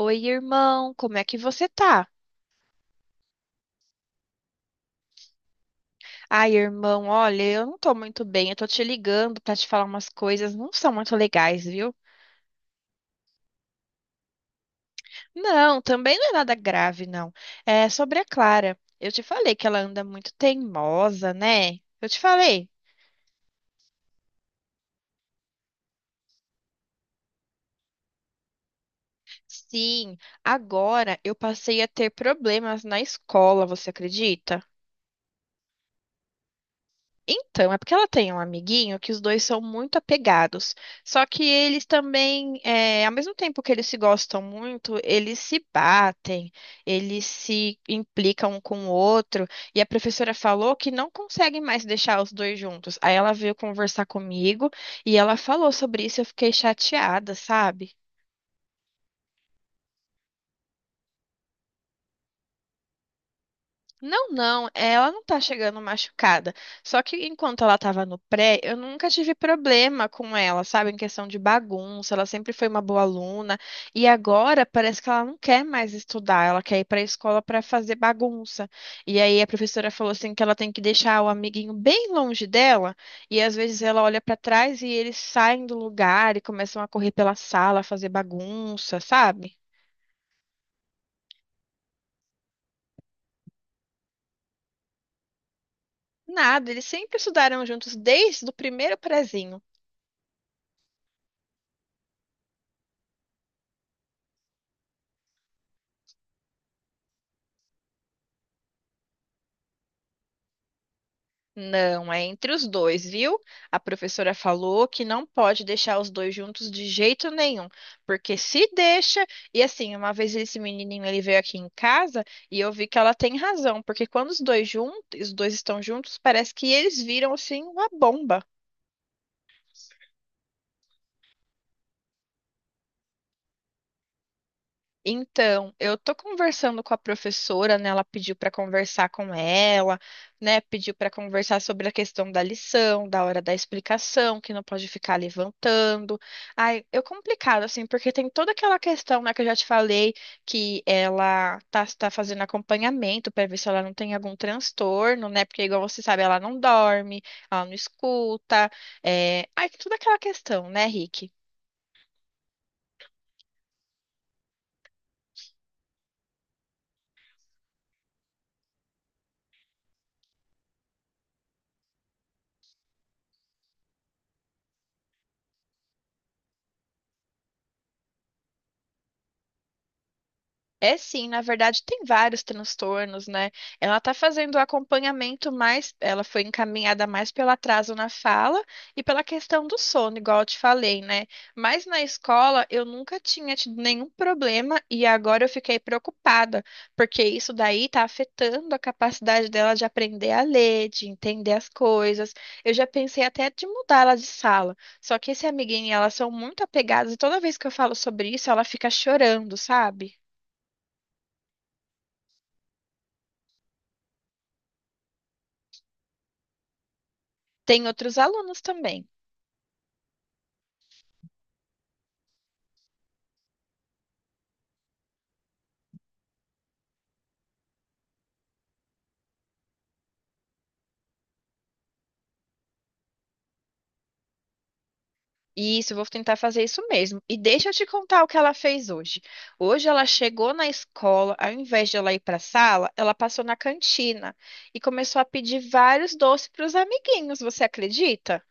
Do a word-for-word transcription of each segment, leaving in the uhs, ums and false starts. Oi, irmão, como é que você tá? Ai, irmão, olha, eu não tô muito bem, eu tô te ligando pra te falar umas coisas, não são muito legais, viu? Não, também não é nada grave, não. É sobre a Clara. Eu te falei que ela anda muito teimosa, né? Eu te falei. Sim, agora eu passei a ter problemas na escola, você acredita? Então, é porque ela tem um amiguinho que os dois são muito apegados. Só que eles também, é, ao mesmo tempo que eles se gostam muito, eles se batem, eles se implicam um com o outro. E a professora falou que não consegue mais deixar os dois juntos. Aí ela veio conversar comigo e ela falou sobre isso. e Eu fiquei chateada, sabe? Não, não, é, ela não tá chegando machucada. Só que enquanto ela tava no pré, eu nunca tive problema com ela, sabe? Em questão de bagunça, ela sempre foi uma boa aluna. E agora parece que ela não quer mais estudar, ela quer ir pra escola pra fazer bagunça. E aí a professora falou assim que ela tem que deixar o amiguinho bem longe dela. E às vezes ela olha pra trás e eles saem do lugar e começam a correr pela sala, fazer bagunça, sabe? Nada, eles sempre estudaram juntos desde o primeiro prezinho. Não, é entre os dois, viu? A professora falou que não pode deixar os dois juntos de jeito nenhum, porque se deixa, e assim, uma vez esse menininho ele veio aqui em casa e eu vi que ela tem razão, porque quando os dois juntos, os dois estão juntos, parece que eles viram assim uma bomba. Então, eu tô conversando com a professora, né? Ela pediu para conversar com ela, né? Pediu para conversar sobre a questão da lição, da hora da explicação, que não pode ficar levantando. Ai, é complicado assim, porque tem toda aquela questão, né, que eu já te falei, que ela tá, tá fazendo acompanhamento para ver se ela não tem algum transtorno, né? Porque igual você sabe, ela não dorme, ela não escuta. É... Ai, toda aquela questão, né, Rick? É sim, na verdade tem vários transtornos, né? Ela está fazendo o acompanhamento mais, ela foi encaminhada mais pelo atraso na fala e pela questão do sono, igual eu te falei, né? Mas na escola eu nunca tinha tido nenhum problema e agora eu fiquei preocupada, porque isso daí está afetando a capacidade dela de aprender a ler, de entender as coisas. Eu já pensei até de mudar ela de sala, só que esse amiguinho e ela são muito apegadas e toda vez que eu falo sobre isso, ela fica chorando, sabe? Tem outros alunos também. Isso, eu vou tentar fazer isso mesmo. E deixa eu te contar o que ela fez hoje. Hoje ela chegou na escola, ao invés de ela ir para a sala, ela passou na cantina e começou a pedir vários doces para os amiguinhos. Você acredita?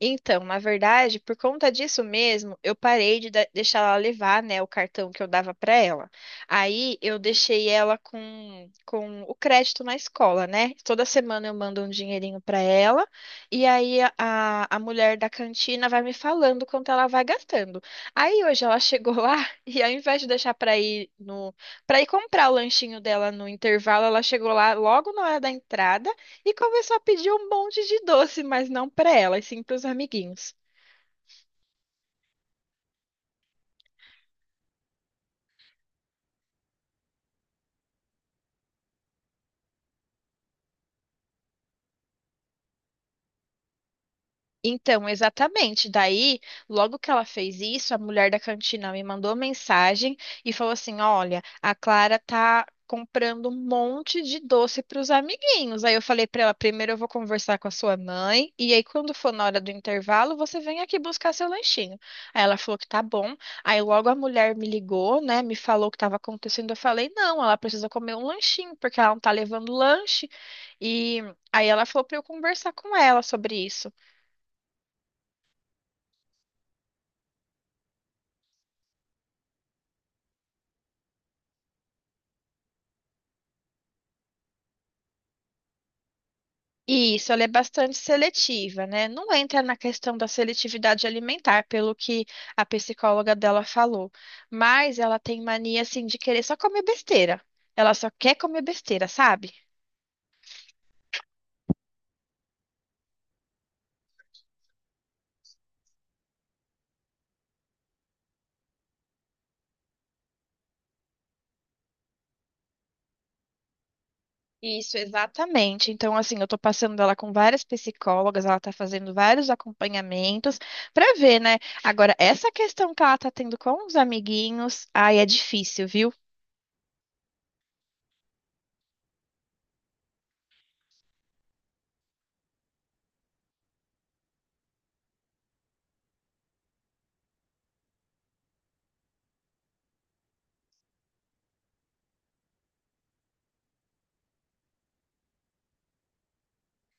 Então, na verdade, por conta disso mesmo, eu parei de da- deixar ela levar, né, o cartão que eu dava para ela. Aí eu deixei ela com, com o crédito na escola, né? Toda semana eu mando um dinheirinho para ela e aí a, a a mulher da cantina vai me falando quanto ela vai gastando. Aí hoje ela chegou lá e ao invés de deixar para ir no para ir comprar o lanchinho dela no intervalo, ela chegou lá logo na hora da entrada e começou a pedir um monte de doce, mas não para ela, e sim para os amiguinhos. Então, exatamente. Daí, logo que ela fez isso, a mulher da cantina me mandou mensagem e falou assim: "Olha, a Clara tá comprando um monte de doce para os amiguinhos." Aí eu falei para ela: "Primeiro eu vou conversar com a sua mãe, e aí quando for na hora do intervalo, você vem aqui buscar seu lanchinho." Aí ela falou que tá bom. Aí logo a mulher me ligou, né, me falou o que estava acontecendo. Eu falei: "Não, ela precisa comer um lanchinho, porque ela não tá levando lanche." E aí ela falou para eu conversar com ela sobre isso. Isso, ela é bastante seletiva, né? Não entra na questão da seletividade alimentar, pelo que a psicóloga dela falou, mas ela tem mania assim de querer só comer besteira. Ela só quer comer besteira, sabe? Isso, exatamente. Então, assim, eu tô passando ela com várias psicólogas, ela tá fazendo vários acompanhamentos pra ver, né? Agora, essa questão que ela tá tendo com os amiguinhos, ai, é difícil, viu?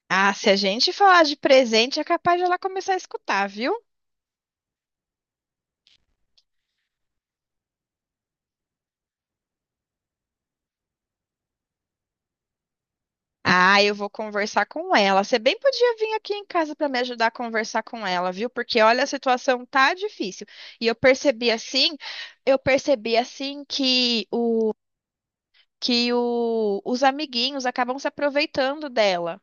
Ah, se a gente falar de presente, é capaz de ela começar a escutar, viu? Ah, eu vou conversar com ela. Você bem podia vir aqui em casa para me ajudar a conversar com ela, viu? Porque olha, a situação tá difícil. E eu percebi assim, eu percebi assim que o que o- os amiguinhos acabam se aproveitando dela.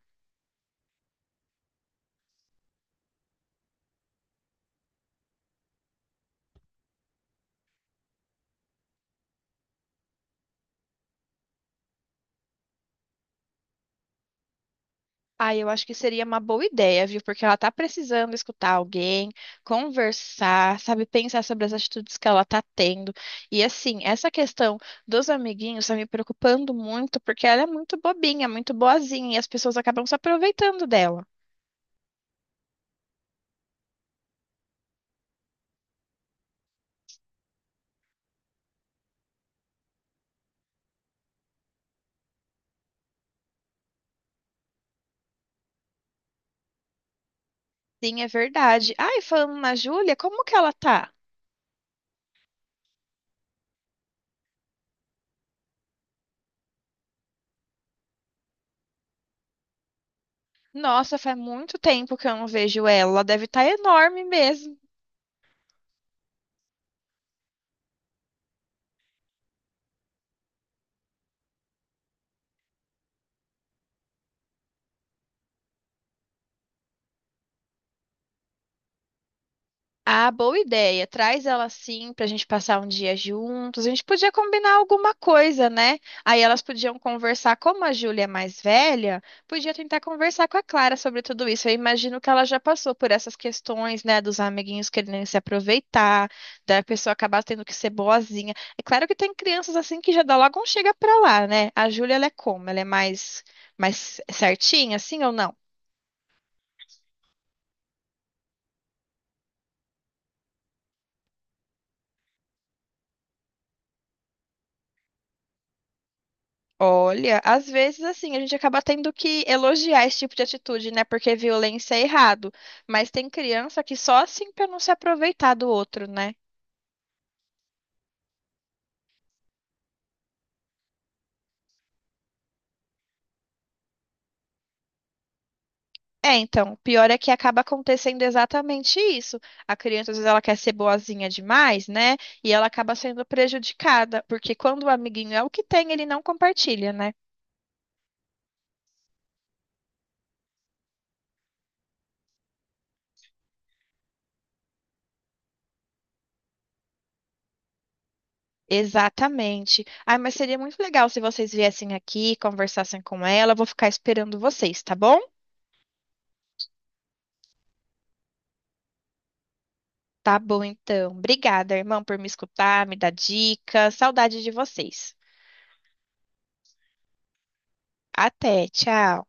Ah, eu acho que seria uma boa ideia, viu? Porque ela tá precisando escutar alguém, conversar, sabe, pensar sobre as atitudes que ela tá tendo. E assim, essa questão dos amiguinhos tá me preocupando muito, porque ela é muito bobinha, muito boazinha, e as pessoas acabam se aproveitando dela. Sim, é verdade. Ai, falando na Júlia, como que ela tá? Nossa, faz muito tempo que eu não vejo ela. Ela deve estar enorme mesmo. Ah, boa ideia. Traz ela assim pra gente passar um dia juntos. A gente podia combinar alguma coisa, né? Aí elas podiam conversar, como a Júlia é mais velha, podia tentar conversar com a Clara sobre tudo isso. Eu imagino que ela já passou por essas questões, né, dos amiguinhos querendo se aproveitar, da pessoa acabar tendo que ser boazinha. É claro que tem crianças assim que já dá logo um chega pra lá, né? A Júlia, ela é como? Ela é mais mais certinha assim ou não? Olha, às vezes assim, a gente acaba tendo que elogiar esse tipo de atitude, né? Porque violência é errado. Mas tem criança que só assim pra não se aproveitar do outro, né? É, então, o pior é que acaba acontecendo exatamente isso. A criança, às vezes, ela quer ser boazinha demais, né? E ela acaba sendo prejudicada, porque quando o amiguinho é o que tem, ele não compartilha, né? Exatamente. Ah, mas seria muito legal se vocês viessem aqui, conversassem com ela. Eu vou ficar esperando vocês, tá bom? Tá bom, então. Obrigada, irmão, por me escutar, me dar dica. Saudade de vocês. Até, tchau.